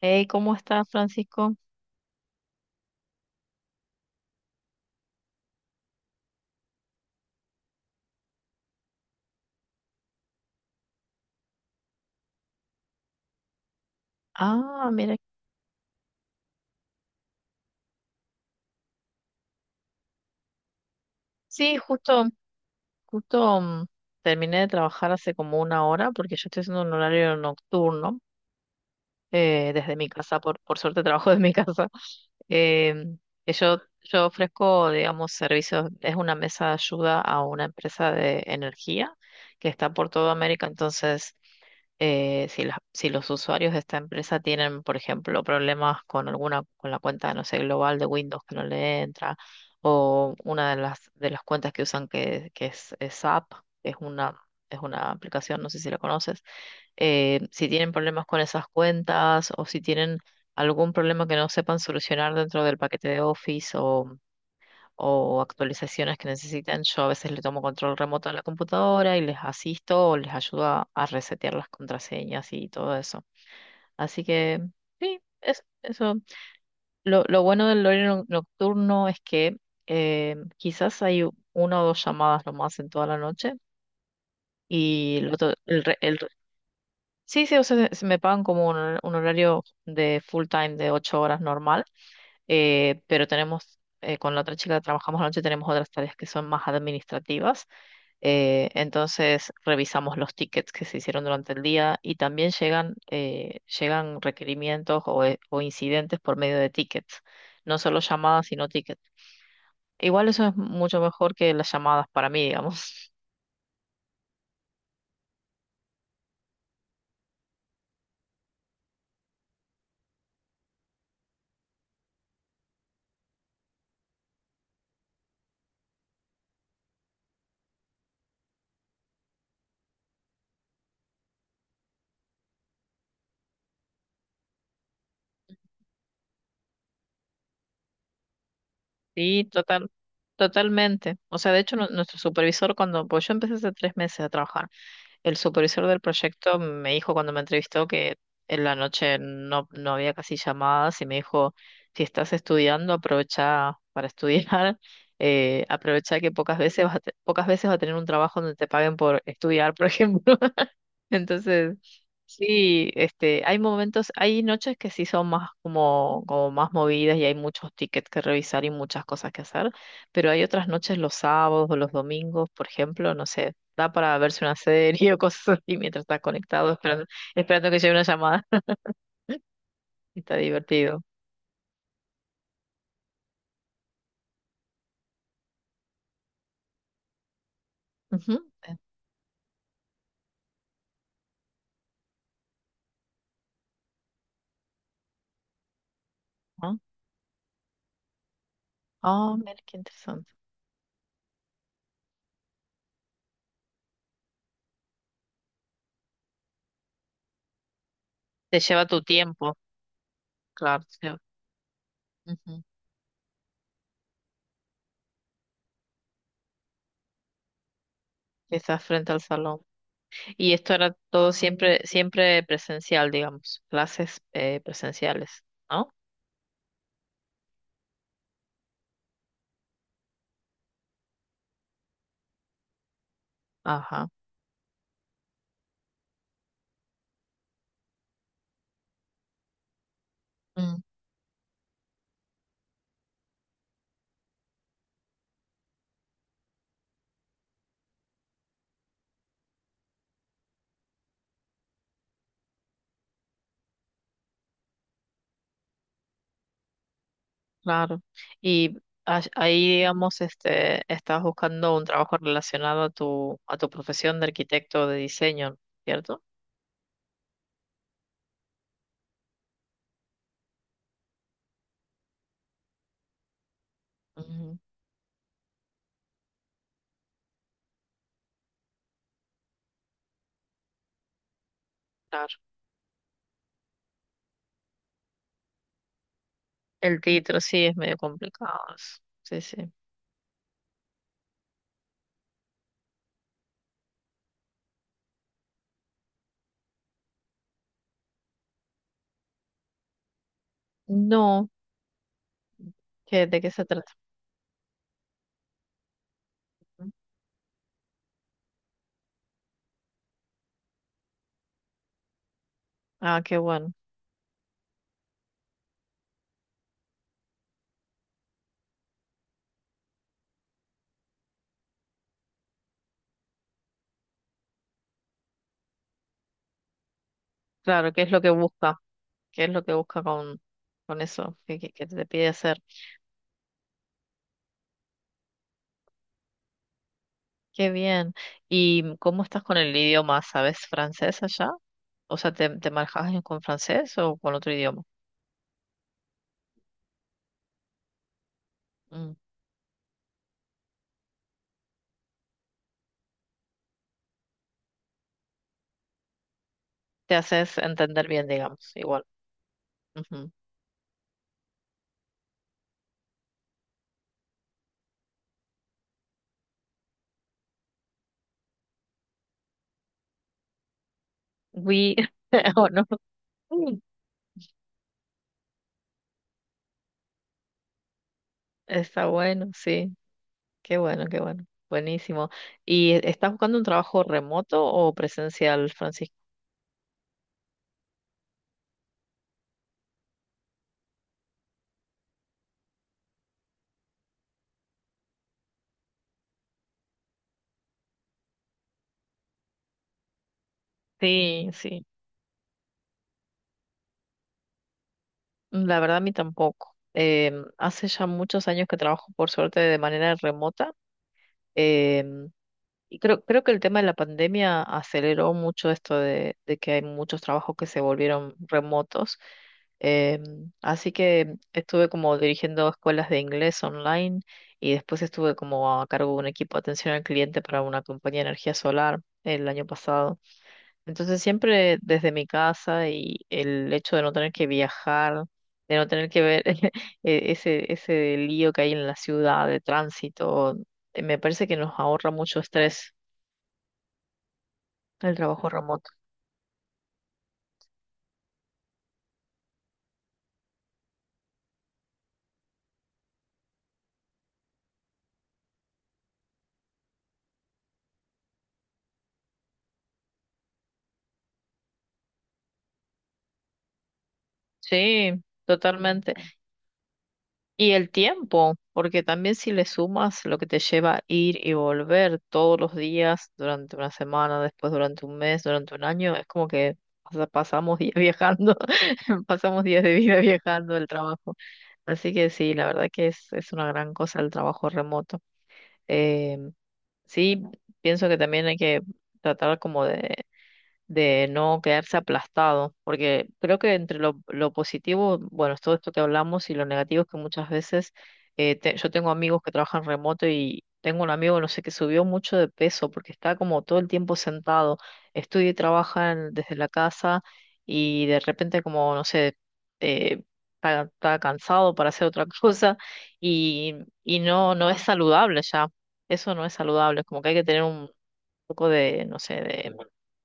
Hey, ¿cómo estás, Francisco? Ah, mira. Sí, justo, terminé de trabajar hace como una hora porque yo estoy haciendo un horario nocturno. Desde mi casa, por suerte trabajo desde mi casa. Eh, que yo ofrezco, digamos, servicios. Es una mesa de ayuda a una empresa de energía que está por toda América. Entonces, si los usuarios de esta empresa tienen, por ejemplo, problemas con alguna, con la cuenta, no sé, global de Windows que no le entra, o una de las cuentas que usan que es SAP, que es una aplicación, no sé si la conoces. Si tienen problemas con esas cuentas o si tienen algún problema que no sepan solucionar dentro del paquete de Office o actualizaciones que necesitan, yo a veces le tomo control remoto a la computadora y les asisto o les ayudo a resetear las contraseñas y todo eso. Así que sí, eso. Lo bueno del horario nocturno es que quizás hay una o dos llamadas nomás en toda la noche. Y el, otro- el re- el Sí, sí, o sea, se me pagan como un horario de full time de 8 horas normal. Pero tenemos, con la otra chica que trabajamos a la noche, tenemos otras tareas que son más administrativas. Entonces revisamos los tickets que se hicieron durante el día y también llegan, llegan requerimientos o incidentes por medio de tickets, no solo llamadas, sino tickets. Igual eso es mucho mejor que las llamadas para mí, digamos. Sí, total, totalmente. O sea, de hecho, nuestro supervisor, cuando, pues yo empecé hace 3 meses a trabajar, el supervisor del proyecto me dijo cuando me entrevistó que en la noche no había casi llamadas y me dijo, si estás estudiando, aprovecha para estudiar, aprovecha que pocas veces pocas veces vas a tener un trabajo donde te paguen por estudiar, por ejemplo. Entonces, sí, este, hay momentos, hay noches que sí son más como más movidas y hay muchos tickets que revisar y muchas cosas que hacer, pero hay otras noches, los sábados o los domingos, por ejemplo, no sé, da para verse una serie o cosas así mientras estás conectado, esperando que llegue una llamada. Está divertido. Ujú, eh, ¿no? Ah, oh, mira, qué interesante. Te lleva tu tiempo, claro. Ujú, que estás frente al salón. Y esto era todo siempre, siempre presencial, digamos, clases presenciales, ¿no? Ajá, mm, claro. Y ahí, digamos, este, estás buscando un trabajo relacionado a tu, profesión de arquitecto de diseño, ¿no? ¿Cierto? Ujú, claro. El título sí es medio complicado. Sí, sí. No, de qué se trata? Mm. Ah, qué bueno. Claro, ¿qué es lo que busca? ¿Qué es lo que busca con eso? ¿Qué te pide hacer? Qué bien. ¿Y cómo estás con el idioma? ¿Sabes francés allá? O sea, ¿te manejas con francés o con otro idioma? Mm. Te haces entender bien, digamos, igual. Ujú. Oui, o no. Mm. Está bueno, sí. Qué bueno, qué bueno. Buenísimo. ¿Y estás buscando un trabajo remoto o presencial, Francisco? Sí, sí. La verdad, a mí tampoco. Hace ya muchos años que trabajo, por suerte, de manera remota. Em, Y creo que el tema de la pandemia aceleró mucho esto de que hay muchos trabajos que se volvieron remotos. Así que estuve como dirigiendo escuelas de inglés online y después estuve como a cargo de un equipo de atención al cliente para una compañía de energía solar el año pasado. Entonces siempre desde mi casa y el hecho de no tener que viajar, de no tener que ver ese lío que hay en la ciudad de tránsito, me parece que nos ahorra mucho estrés el trabajo remoto. Sí, totalmente. Y el tiempo, porque también si le sumas lo que te lleva a ir y volver todos los días, durante una semana, después durante un mes, durante un año, es como que pasamos días viajando, pasamos días de vida viajando el trabajo. Así que sí, la verdad que es, una gran cosa el trabajo remoto. Eh, sí, pienso que también hay que tratar como de no quedarse aplastado, porque creo que entre lo positivo, bueno, es todo esto que hablamos y lo negativo es que muchas veces yo tengo amigos que trabajan remoto y tengo un amigo, no sé, que subió mucho de peso porque está como todo el tiempo sentado, estudia y trabaja desde la casa y de repente como, no sé, eh, está cansado para hacer otra cosa y, y no es saludable ya. Eso no es saludable, es como que hay que tener poco de, no sé, de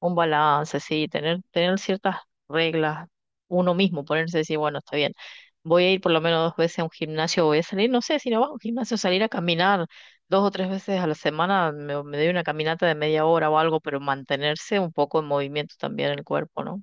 un balance, sí, tener ciertas reglas, uno mismo, ponerse a decir, bueno, está bien, voy a ir por lo menos dos veces a un gimnasio, voy a salir, no sé, si no va a un gimnasio, salir a caminar dos o tres veces a la semana, me doy una caminata de media hora o algo, pero mantenerse un poco en movimiento también el cuerpo, ¿no?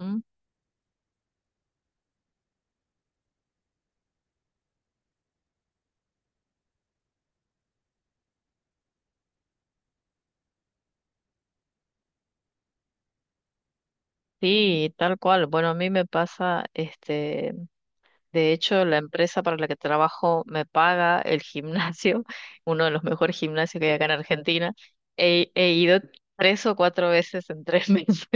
Mm, sí, tal cual. Bueno, a mí me pasa, este, de hecho, la empresa para la que trabajo me paga el gimnasio, uno de los mejores gimnasios que hay acá en Argentina. He ido tres o cuatro veces en 3 meses.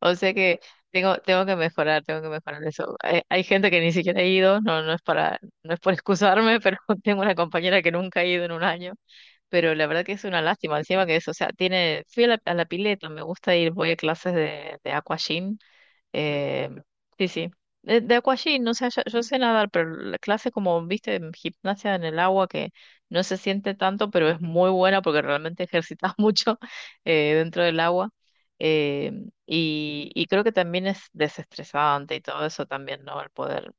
O sea que tengo que mejorar eso. Hay gente que ni siquiera ha ido, no es para, no es por excusarme, pero tengo una compañera que nunca ha ido en un año. Pero la verdad que es una lástima, encima que es, o sea, tiene, fui a la, pileta, me gusta ir, voy a clases de, aquagym eh, sí, sí. de aqua gym, no sé, yo sé nadar, pero la clase como, viste, en gimnasia en el agua que no se siente tanto, pero es muy buena porque realmente ejercitas mucho dentro del agua. Eh, y creo que también es desestresante y todo eso también, ¿no? El poder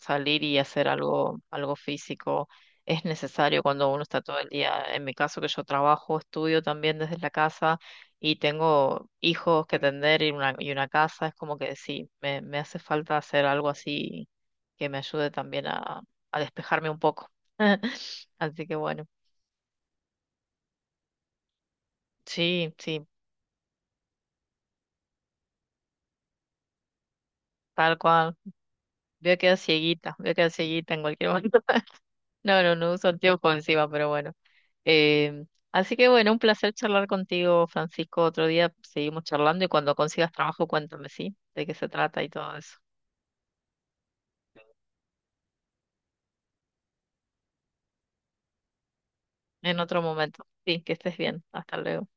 salir y hacer algo físico es necesario cuando uno está todo el día, en mi caso que yo trabajo, estudio también desde la casa y tengo hijos que atender y una casa, es como que sí, me hace falta hacer algo así que me ayude también a despejarme un poco. Así que bueno, sí, sí, tal cual. Voy a quedar cieguita, voy a quedar cieguita en cualquier momento. No, no, no uso anteojos encima, pero bueno. Em, Así que bueno, un placer charlar contigo, Francisco. Otro día seguimos charlando y cuando consigas trabajo, cuéntame, ¿sí? De qué se trata y todo eso. En otro momento. Sí, que estés bien. Hasta luego.